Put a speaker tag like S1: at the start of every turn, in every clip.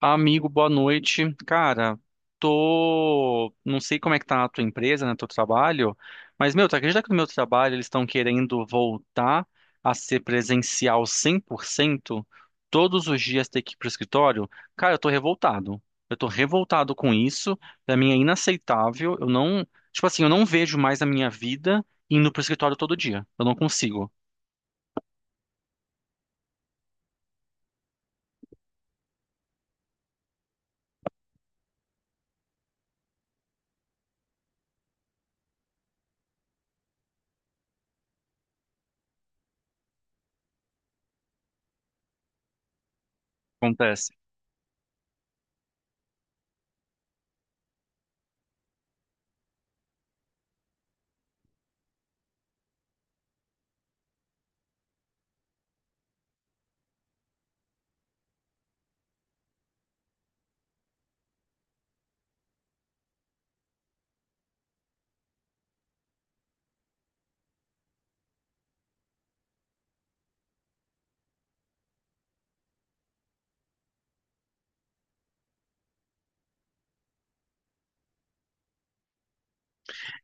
S1: Amigo, boa noite. Cara, tô. Não sei como é que tá a tua empresa, né? Teu trabalho. Mas, meu, tu acredita que no meu trabalho eles estão querendo voltar a ser presencial cem por cento? Todos os dias ter que ir pro escritório? Cara, eu tô revoltado. Eu tô revoltado com isso. Pra mim é inaceitável. Eu não. Tipo assim, eu não vejo mais a minha vida indo pro escritório todo dia. Eu não consigo. Acontece.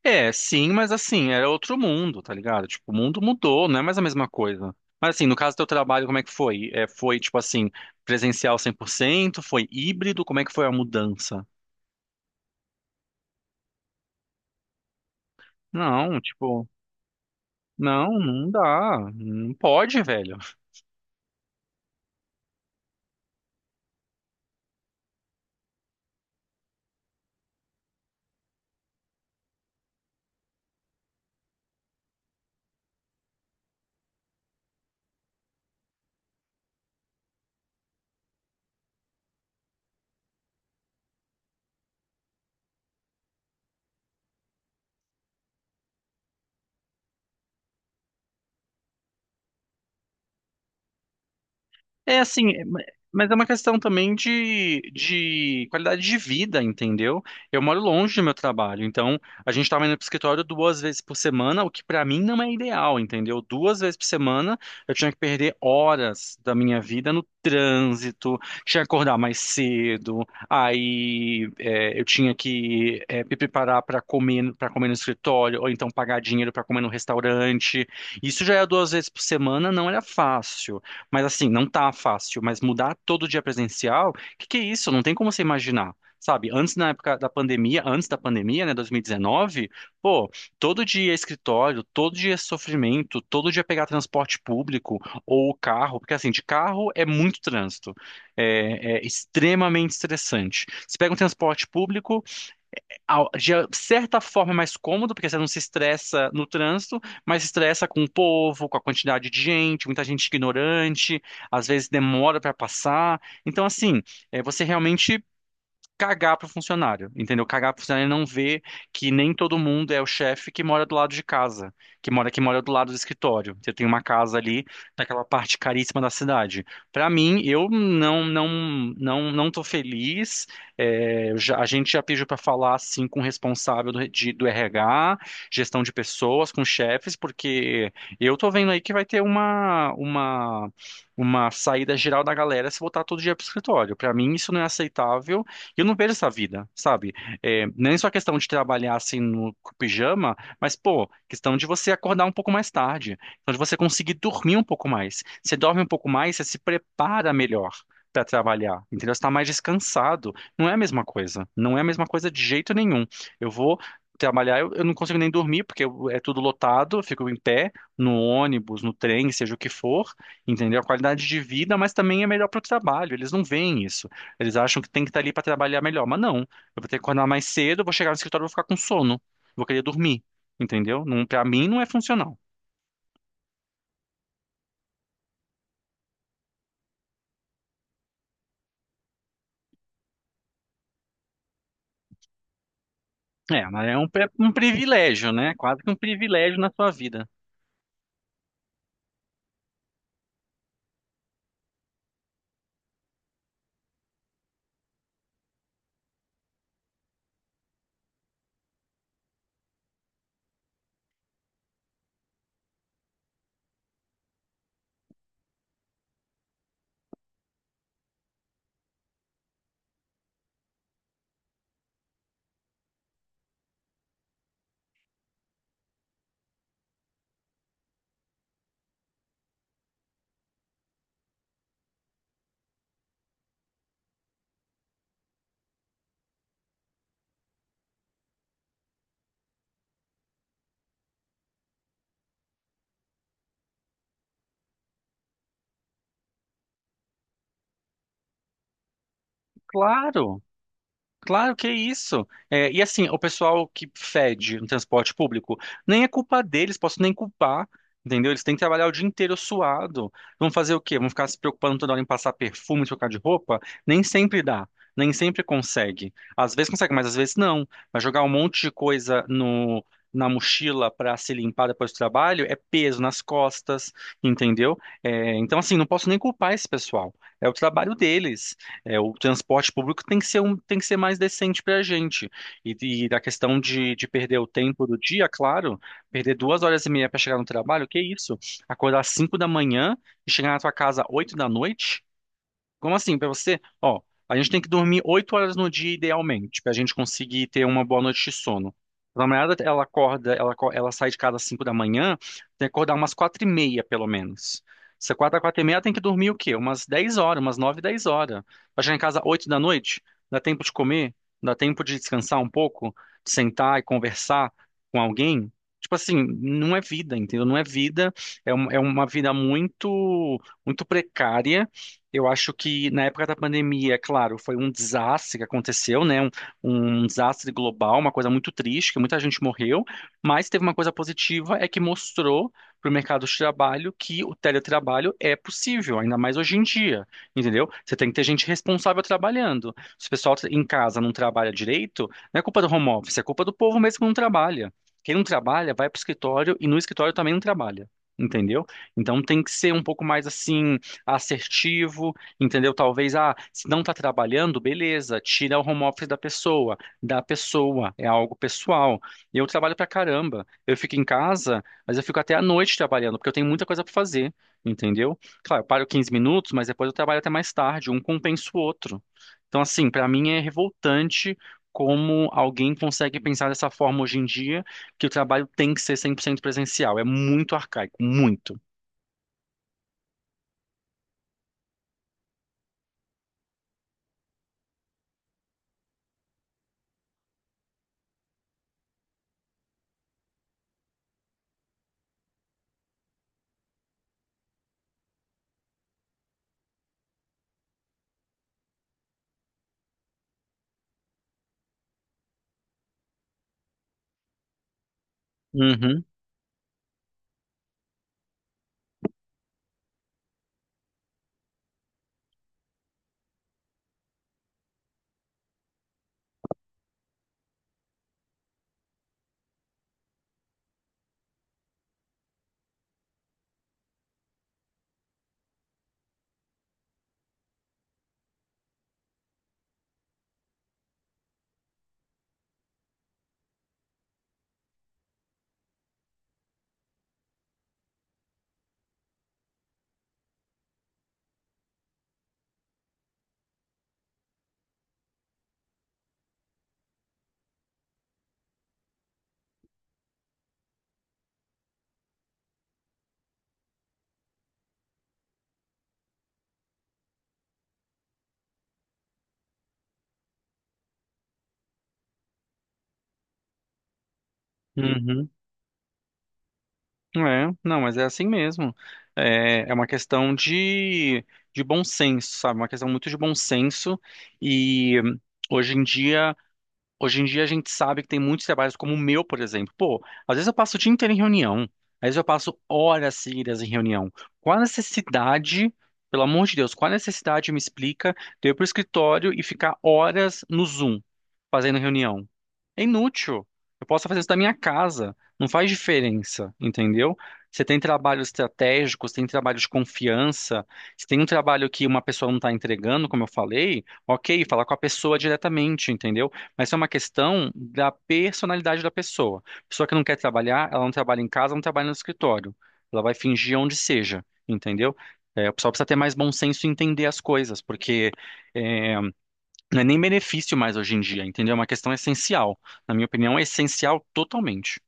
S1: É, sim, mas assim, era outro mundo, tá ligado? Tipo, o mundo mudou, não é mais a mesma coisa. Mas assim, no caso do teu trabalho, como é que foi? É, foi, tipo assim, presencial 100%? Foi híbrido? Como é que foi a mudança? Não, tipo, não, não dá. Não pode, velho. É assim, é, mas é uma questão também de qualidade de vida, entendeu? Eu moro longe do meu trabalho, então a gente estava indo pro escritório duas vezes por semana, o que para mim não é ideal, entendeu? Duas vezes por semana eu tinha que perder horas da minha vida no trânsito, tinha que acordar mais cedo, aí é, eu tinha que me preparar para comer no escritório, ou então pagar dinheiro para comer no restaurante. Isso já era duas vezes por semana, não era fácil. Mas assim, não tá fácil, mas mudar todo dia presencial, que é isso? Não tem como você imaginar. Sabe, antes na época da pandemia, antes da pandemia, né, 2019, pô, todo dia é escritório, todo dia é sofrimento, todo dia é pegar transporte público ou carro, porque assim, de carro é muito trânsito, é, é extremamente estressante. Você pega um transporte público, de certa forma é mais cômodo, porque você não se estressa no trânsito, mas se estressa com o povo, com a quantidade de gente, muita gente ignorante, às vezes demora para passar. Então, assim, é, você realmente cagar pro funcionário, entendeu? Cagar pro funcionário e não ver que nem todo mundo é o chefe que mora do lado de casa, que mora do lado do escritório. Você tem uma casa ali naquela parte caríssima da cidade. Pra mim, eu não não tô feliz. É, eu a gente já pediu pra falar assim com o responsável do RH, gestão de pessoas, com chefes, porque eu tô vendo aí que vai ter uma uma saída geral da galera se voltar todo dia pro escritório. Pra mim, isso não é aceitável. E eu não vejo essa vida, sabe? É, nem só questão de trabalhar assim no com pijama, mas, pô, questão de você acordar um pouco mais tarde, questão de você conseguir dormir um pouco mais. Você dorme um pouco mais, você se prepara melhor para trabalhar, entendeu? Você tá mais descansado. Não é a mesma coisa. Não é a mesma coisa de jeito nenhum. Eu vou trabalhar, eu não consigo nem dormir, porque é tudo lotado, eu fico em pé, no ônibus, no trem, seja o que for, entendeu? A qualidade de vida, mas também é melhor para o trabalho. Eles não veem isso. Eles acham que tem que estar ali para trabalhar melhor, mas não. Eu vou ter que acordar mais cedo, vou chegar no escritório, vou ficar com sono, vou querer dormir, entendeu? Não, para mim não é funcional. É, mas é um, um privilégio, né? Quase que um privilégio na sua vida. Claro. Claro que é isso. É, e assim, o pessoal que fede no transporte público, nem é culpa deles, posso nem culpar, entendeu? Eles têm que trabalhar o dia inteiro suado. Vão fazer o quê? Vão ficar se preocupando toda hora em passar perfume, trocar de roupa? Nem sempre dá, nem sempre consegue. Às vezes consegue, mas às vezes não. Mas jogar um monte de coisa no, na mochila para se limpar depois do trabalho é peso nas costas, entendeu? É, então, assim, não posso nem culpar esse pessoal. É o trabalho deles. É, o transporte público tem que ser, um, tem que ser mais decente para a gente. E, e da questão de perder o tempo do dia, claro, perder duas horas e meia para chegar no trabalho, que isso? Acordar às cinco da manhã e chegar na tua casa às oito da noite? Como assim? Pra você, ó, a gente tem que dormir oito horas no dia idealmente, pra gente conseguir ter uma boa noite de sono. A namorada, ela acorda, ela, ela sai de casa às cinco da manhã, tem que acordar umas quatro e meia, pelo menos. Se acorda às quatro e meia, ela tem que dormir o quê? Umas dez horas, umas nove, dez horas. Pra chegar em casa às oito da noite, dá tempo de comer, dá tempo de descansar um pouco, de sentar e conversar com alguém. Tipo assim, não é vida, entendeu? Não é vida, é, é uma vida muito muito precária. Eu acho que na época da pandemia, é claro, foi um desastre que aconteceu, né? Um desastre global, uma coisa muito triste, que muita gente morreu, mas teve uma coisa positiva, é que mostrou para o mercado de trabalho que o teletrabalho é possível, ainda mais hoje em dia, entendeu? Você tem que ter gente responsável trabalhando. Se o pessoal em casa não trabalha direito, não é culpa do home office, é culpa do povo mesmo que não trabalha. Quem não trabalha vai para o escritório e no escritório também não trabalha, entendeu? Então tem que ser um pouco mais assim assertivo, entendeu? Talvez, ah, se não está trabalhando, beleza, tira o home office da pessoa, é algo pessoal. Eu trabalho pra caramba, eu fico em casa, mas eu fico até à noite trabalhando, porque eu tenho muita coisa pra fazer, entendeu? Claro, eu paro 15 minutos, mas depois eu trabalho até mais tarde, um compensa o outro. Então, assim, pra mim é revoltante como alguém consegue pensar dessa forma hoje em dia, que o trabalho tem que ser 100% presencial. É muito arcaico, muito. Uhum, uhum. É, não, mas é assim mesmo. É, é uma questão de bom senso, sabe? Uma questão muito de bom senso. E hoje em dia, hoje em dia a gente sabe que tem muitos trabalhos como o meu, por exemplo. Pô, às vezes eu passo o dia inteiro em reunião, às vezes eu passo horas seguidas em reunião. Qual a necessidade, pelo amor de Deus, qual a necessidade me explica de eu ir pro escritório e ficar horas no Zoom fazendo reunião? É inútil. Eu posso fazer isso da minha casa. Não faz diferença, entendeu? Você tem trabalhos estratégicos, tem trabalho de confiança. Se tem um trabalho que uma pessoa não está entregando, como eu falei, ok, falar com a pessoa diretamente, entendeu? Mas é uma questão da personalidade da pessoa. Pessoa que não quer trabalhar, ela não trabalha em casa, não trabalha no escritório. Ela vai fingir onde seja, entendeu? É, o pessoal precisa ter mais bom senso e entender as coisas, porque é, não é nem benefício mais hoje em dia, entendeu? É uma questão essencial. Na minha opinião, é essencial totalmente.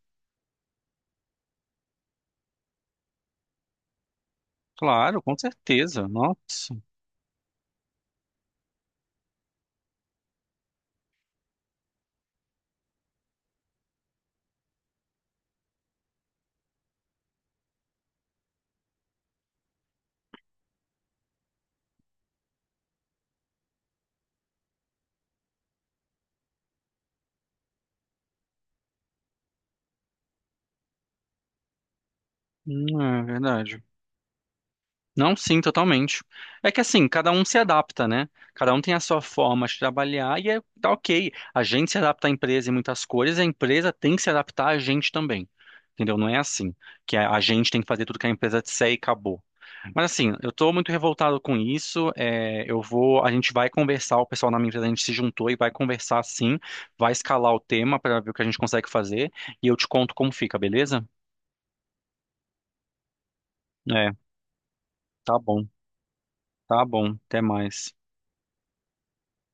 S1: Claro, com certeza. Nossa. É verdade. Não, sim, totalmente. É que assim, cada um se adapta, né? Cada um tem a sua forma de trabalhar e é, tá ok. A gente se adapta à empresa em muitas coisas, a empresa tem que se adaptar a gente também. Entendeu? Não é assim que a gente tem que fazer tudo que a empresa disser e acabou. Mas assim, eu tô muito revoltado com isso. É, eu vou, a gente vai conversar, o pessoal na minha empresa, a gente se juntou e vai conversar sim, vai escalar o tema para ver o que a gente consegue fazer e eu te conto como fica, beleza? É, tá bom, tá bom, até mais.